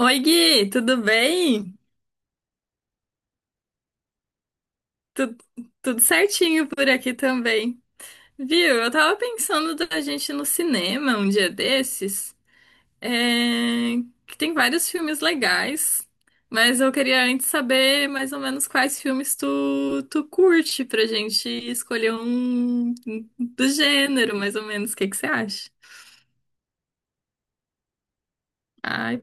Oi, Gui, tudo bem? Tu- Tudo certinho por aqui também. Viu? Eu tava pensando da gente ir no cinema um dia desses, é, que tem vários filmes legais, mas eu queria antes saber mais ou menos quais filmes tu curte pra gente escolher um do gênero, mais ou menos. O que que você acha? Ai,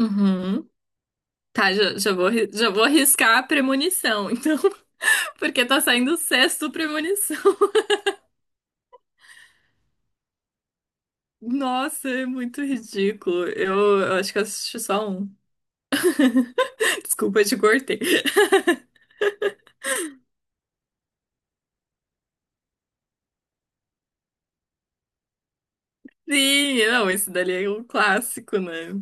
uhum. Tá, já vou arriscar a premonição, então, porque tá saindo o sexto premonição. Nossa, é muito ridículo. Eu acho que eu assisti só um. Desculpa, eu te cortei. Sim, não, esse dali é um clássico, né?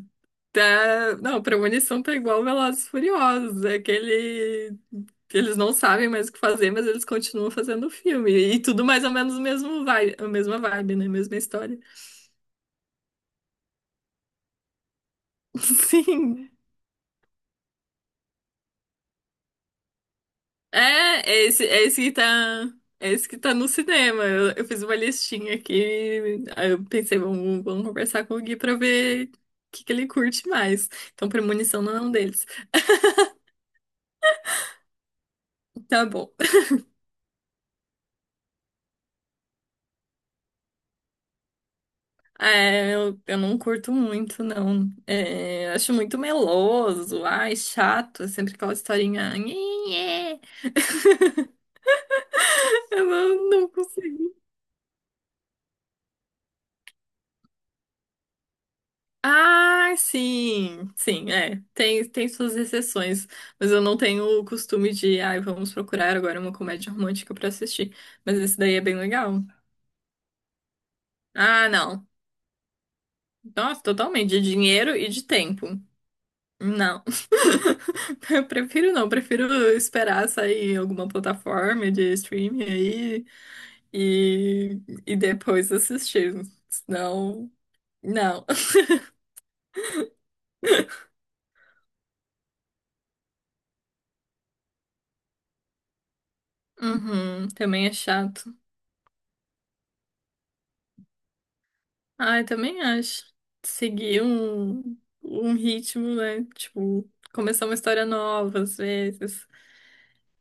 Tá. Não, Premonição tá igual Velozes e Furiosos. É aquele. Eles não sabem mais o que fazer, mas eles continuam fazendo o filme. E tudo mais ou menos o mesmo vibe, a mesma vibe, né? Mesma história. Sim. É, é esse, é esse que tá, É esse que tá no cinema. Eu fiz uma listinha aqui. Aí eu pensei, vamos conversar com o Gui pra ver o que ele curte mais. Então, Premonição não é um deles. Tá bom. É, eu não curto muito, não. É, acho muito meloso. Ai, chato. É sempre aquela historinha. Nhe, nhe. Eu não, não consigo. Ah, sim, sim, é. Tem suas exceções, mas eu não tenho o costume de, ai, vamos procurar agora uma comédia romântica pra assistir. Mas esse daí é bem legal. Ah, não. Nossa, totalmente, de dinheiro e de tempo. Não. Eu prefiro não, prefiro esperar sair em alguma plataforma de streaming aí e, e depois assistir. Senão, não. Uhum, também é chato. Ah, eu também acho. Seguir um ritmo, né? Tipo, começar uma história nova às vezes.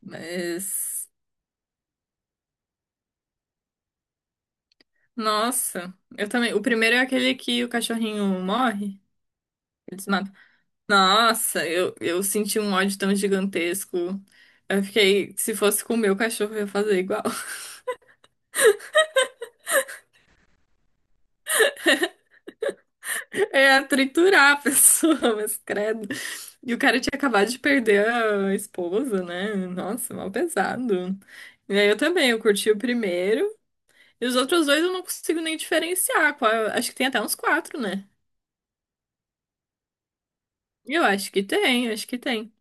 Mas, nossa, eu também. O primeiro é aquele que o cachorrinho morre, eles matam. Nossa, eu senti um ódio tão gigantesco. Eu fiquei, se fosse com o meu cachorro, eu ia fazer igual. É triturar a pessoa, mas credo. E o cara tinha acabado de perder a esposa, né? Nossa, mal pesado. E aí eu também, eu curti o primeiro. E os outros dois eu não consigo nem diferenciar. Acho que tem até uns quatro, né? Eu acho que tem, acho que tem.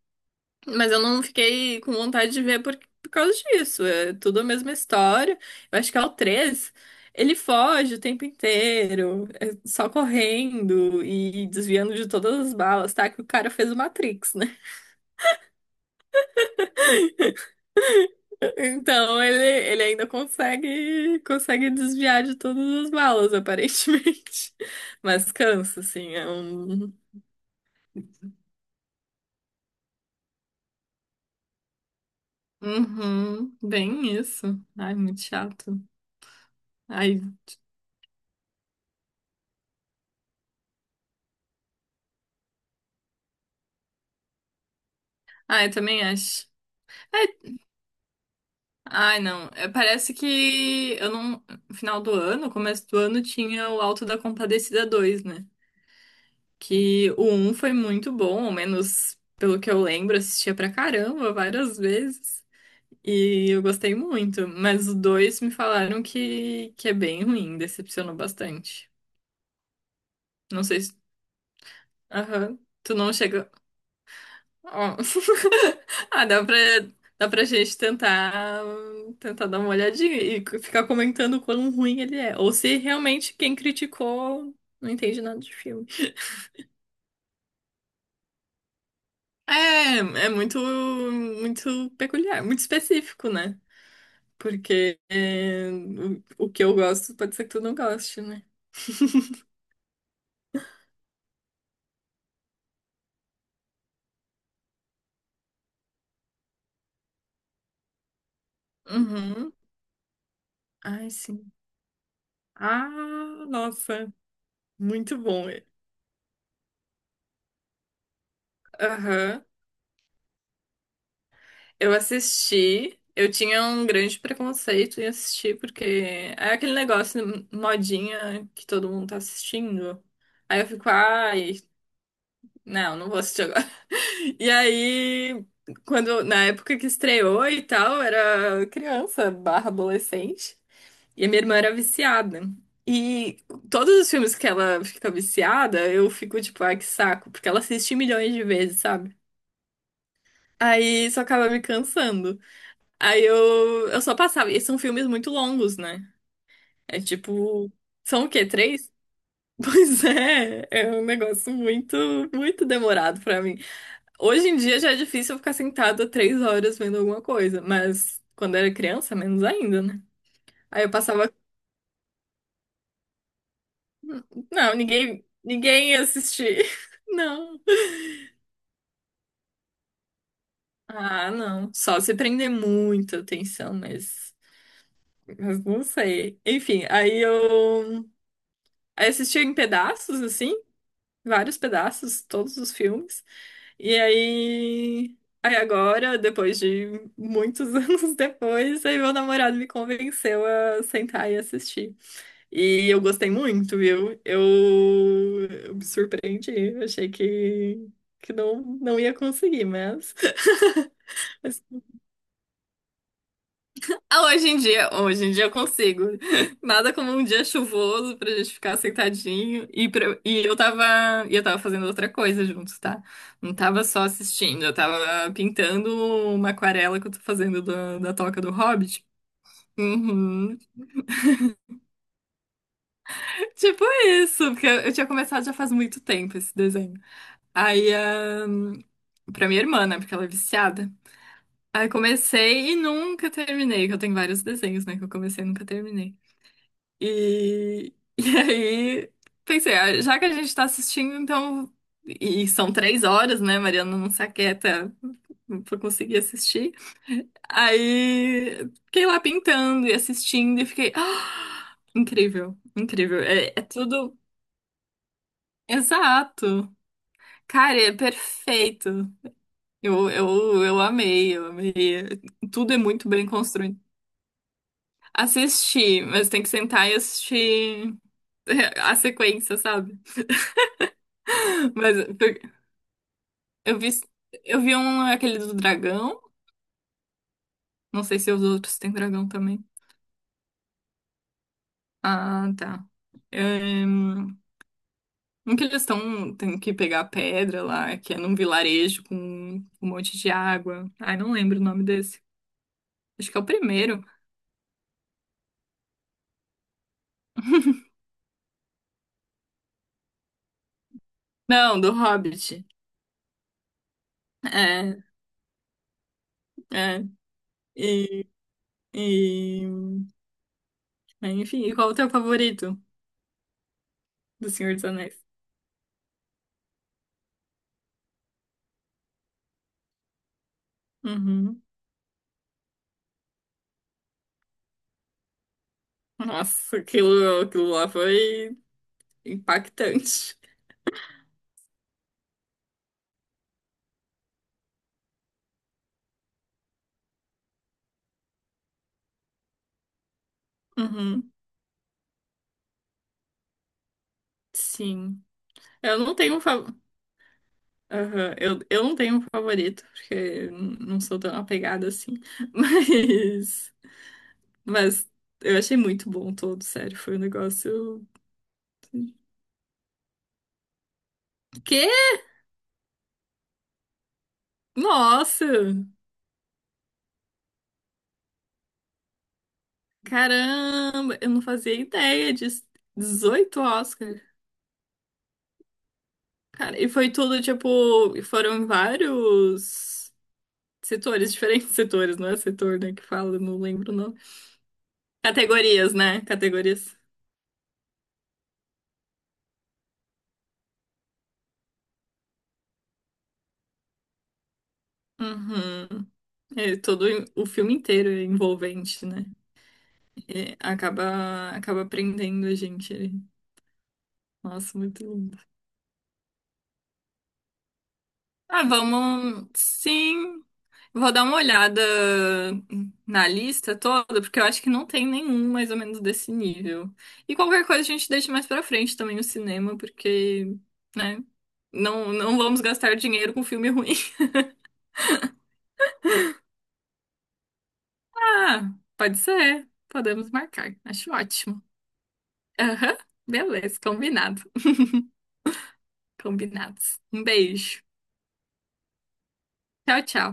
Mas eu não fiquei com vontade de ver por causa disso. É tudo a mesma história. Eu acho que é o três. Ele foge o tempo inteiro, é só correndo e desviando de todas as balas, tá? Que o cara fez o Matrix, né? Então ele ainda consegue desviar de todas as balas, aparentemente. Mas cansa, assim, é um. Uhum, bem isso. Ai, muito chato. Ai, ai, eu também acho. É, ai, não. É, parece que eu não. No final do ano, começo do ano, tinha o Alto da Compadecida dois, né? Que o um foi muito bom, ao menos pelo que eu lembro, assistia pra caramba várias vezes. E eu gostei muito. Mas o 2 me falaram que é bem ruim, decepcionou bastante. Não sei se. Aham. Tu não chegou. Ó. Ah, dá pra gente tentar, tentar dar uma olhadinha e ficar comentando o quão ruim ele é. Ou se realmente quem criticou não entende nada de filme. É, é muito, muito peculiar, muito específico, né? Porque é, o que eu gosto pode ser que tu não goste, né? Uhum. Ai, sim. Ah, nossa, muito bom. Aham. Eu assisti, eu tinha um grande preconceito em assistir, porque é aquele negócio modinha que todo mundo tá assistindo. Aí eu fico, ai, não, não vou assistir agora. E aí, quando, na época que estreou e tal, era criança barra adolescente, e a minha irmã era viciada. E todos os filmes que ela fica viciada, eu fico tipo, ai, que saco, porque ela assiste milhões de vezes, sabe? Aí isso acaba me cansando. Aí eu só passava. E são filmes muito longos, né? É tipo. São o quê? Três? Pois é um negócio muito, muito demorado pra mim. Hoje em dia já é difícil eu ficar sentada 3 horas vendo alguma coisa, mas quando era criança, menos ainda, né? Aí eu passava. Não, ninguém ia assistir. Não. Ah, não. Só se prender muita atenção, mas. Mas não sei. Enfim, aí eu. Aí assistia em pedaços, assim. Vários pedaços, todos os filmes. E aí, agora, depois de muitos anos depois, aí meu namorado me convenceu a sentar e assistir. E eu gostei muito, viu? Eu me surpreendi. Eu achei que não, não ia conseguir, mas, mas ah, hoje em dia eu consigo. Nada como um dia chuvoso pra gente ficar sentadinho. E eu tava fazendo outra coisa juntos, tá? Não tava só assistindo, eu tava pintando uma aquarela que eu tô fazendo da Toca do Hobbit. Uhum. Tipo isso, porque eu, tinha começado já faz muito tempo esse desenho. Aí, pra minha irmã, né, porque ela é viciada. Aí comecei e nunca terminei, que eu tenho vários desenhos, né, que eu comecei e nunca terminei. E, e aí pensei, ah, já que a gente tá assistindo, então. E são 3 horas, né? Mariana não se aquieta pra conseguir assistir. Aí fiquei lá pintando e assistindo e fiquei. "Ah, incrível, incrível. É tudo exato. Cara, é perfeito. Eu amei. Tudo é muito bem construído. Assisti, mas tem que sentar e assistir a sequência, sabe? Mas. Eu vi, eu vi um, aquele do dragão. Não sei se os outros têm dragão também. Ah, tá. É, um que eles estão, tem que pegar a pedra lá, que é num vilarejo com um monte de água. Ai, não lembro o nome desse. Acho que é o primeiro. Não, do Hobbit. É, é. E, e... Enfim, e qual o teu favorito do Senhor dos Anéis? Uhum. Nossa, aquilo lá foi impactante. Uhum. Sim. Eu não tenho um favorito. Eu não tenho um favorito, porque eu não sou tão apegada assim. Mas. Mas. Eu achei muito bom todo, sério. Foi um negócio. Que? Nossa! Caramba! Eu não fazia ideia disso. 18 Oscar. Cara, e foi tudo tipo. E foram em vários setores, diferentes setores, não é setor, né? Que fala, não lembro o nome. Categorias, né? Categorias. Uhum. É, todo o filme inteiro é envolvente, né? E acaba prendendo a gente ali. Nossa, muito lindo. Ah, vamos. Sim, vou dar uma olhada na lista toda, porque eu acho que não tem nenhum mais ou menos desse nível. E qualquer coisa a gente deixa mais pra frente também o cinema, porque, né? Não, não vamos gastar dinheiro com filme ruim. Ah, pode ser. Podemos marcar. Acho ótimo. Aham, beleza, combinado. Combinados. Um beijo. Tchau, tchau.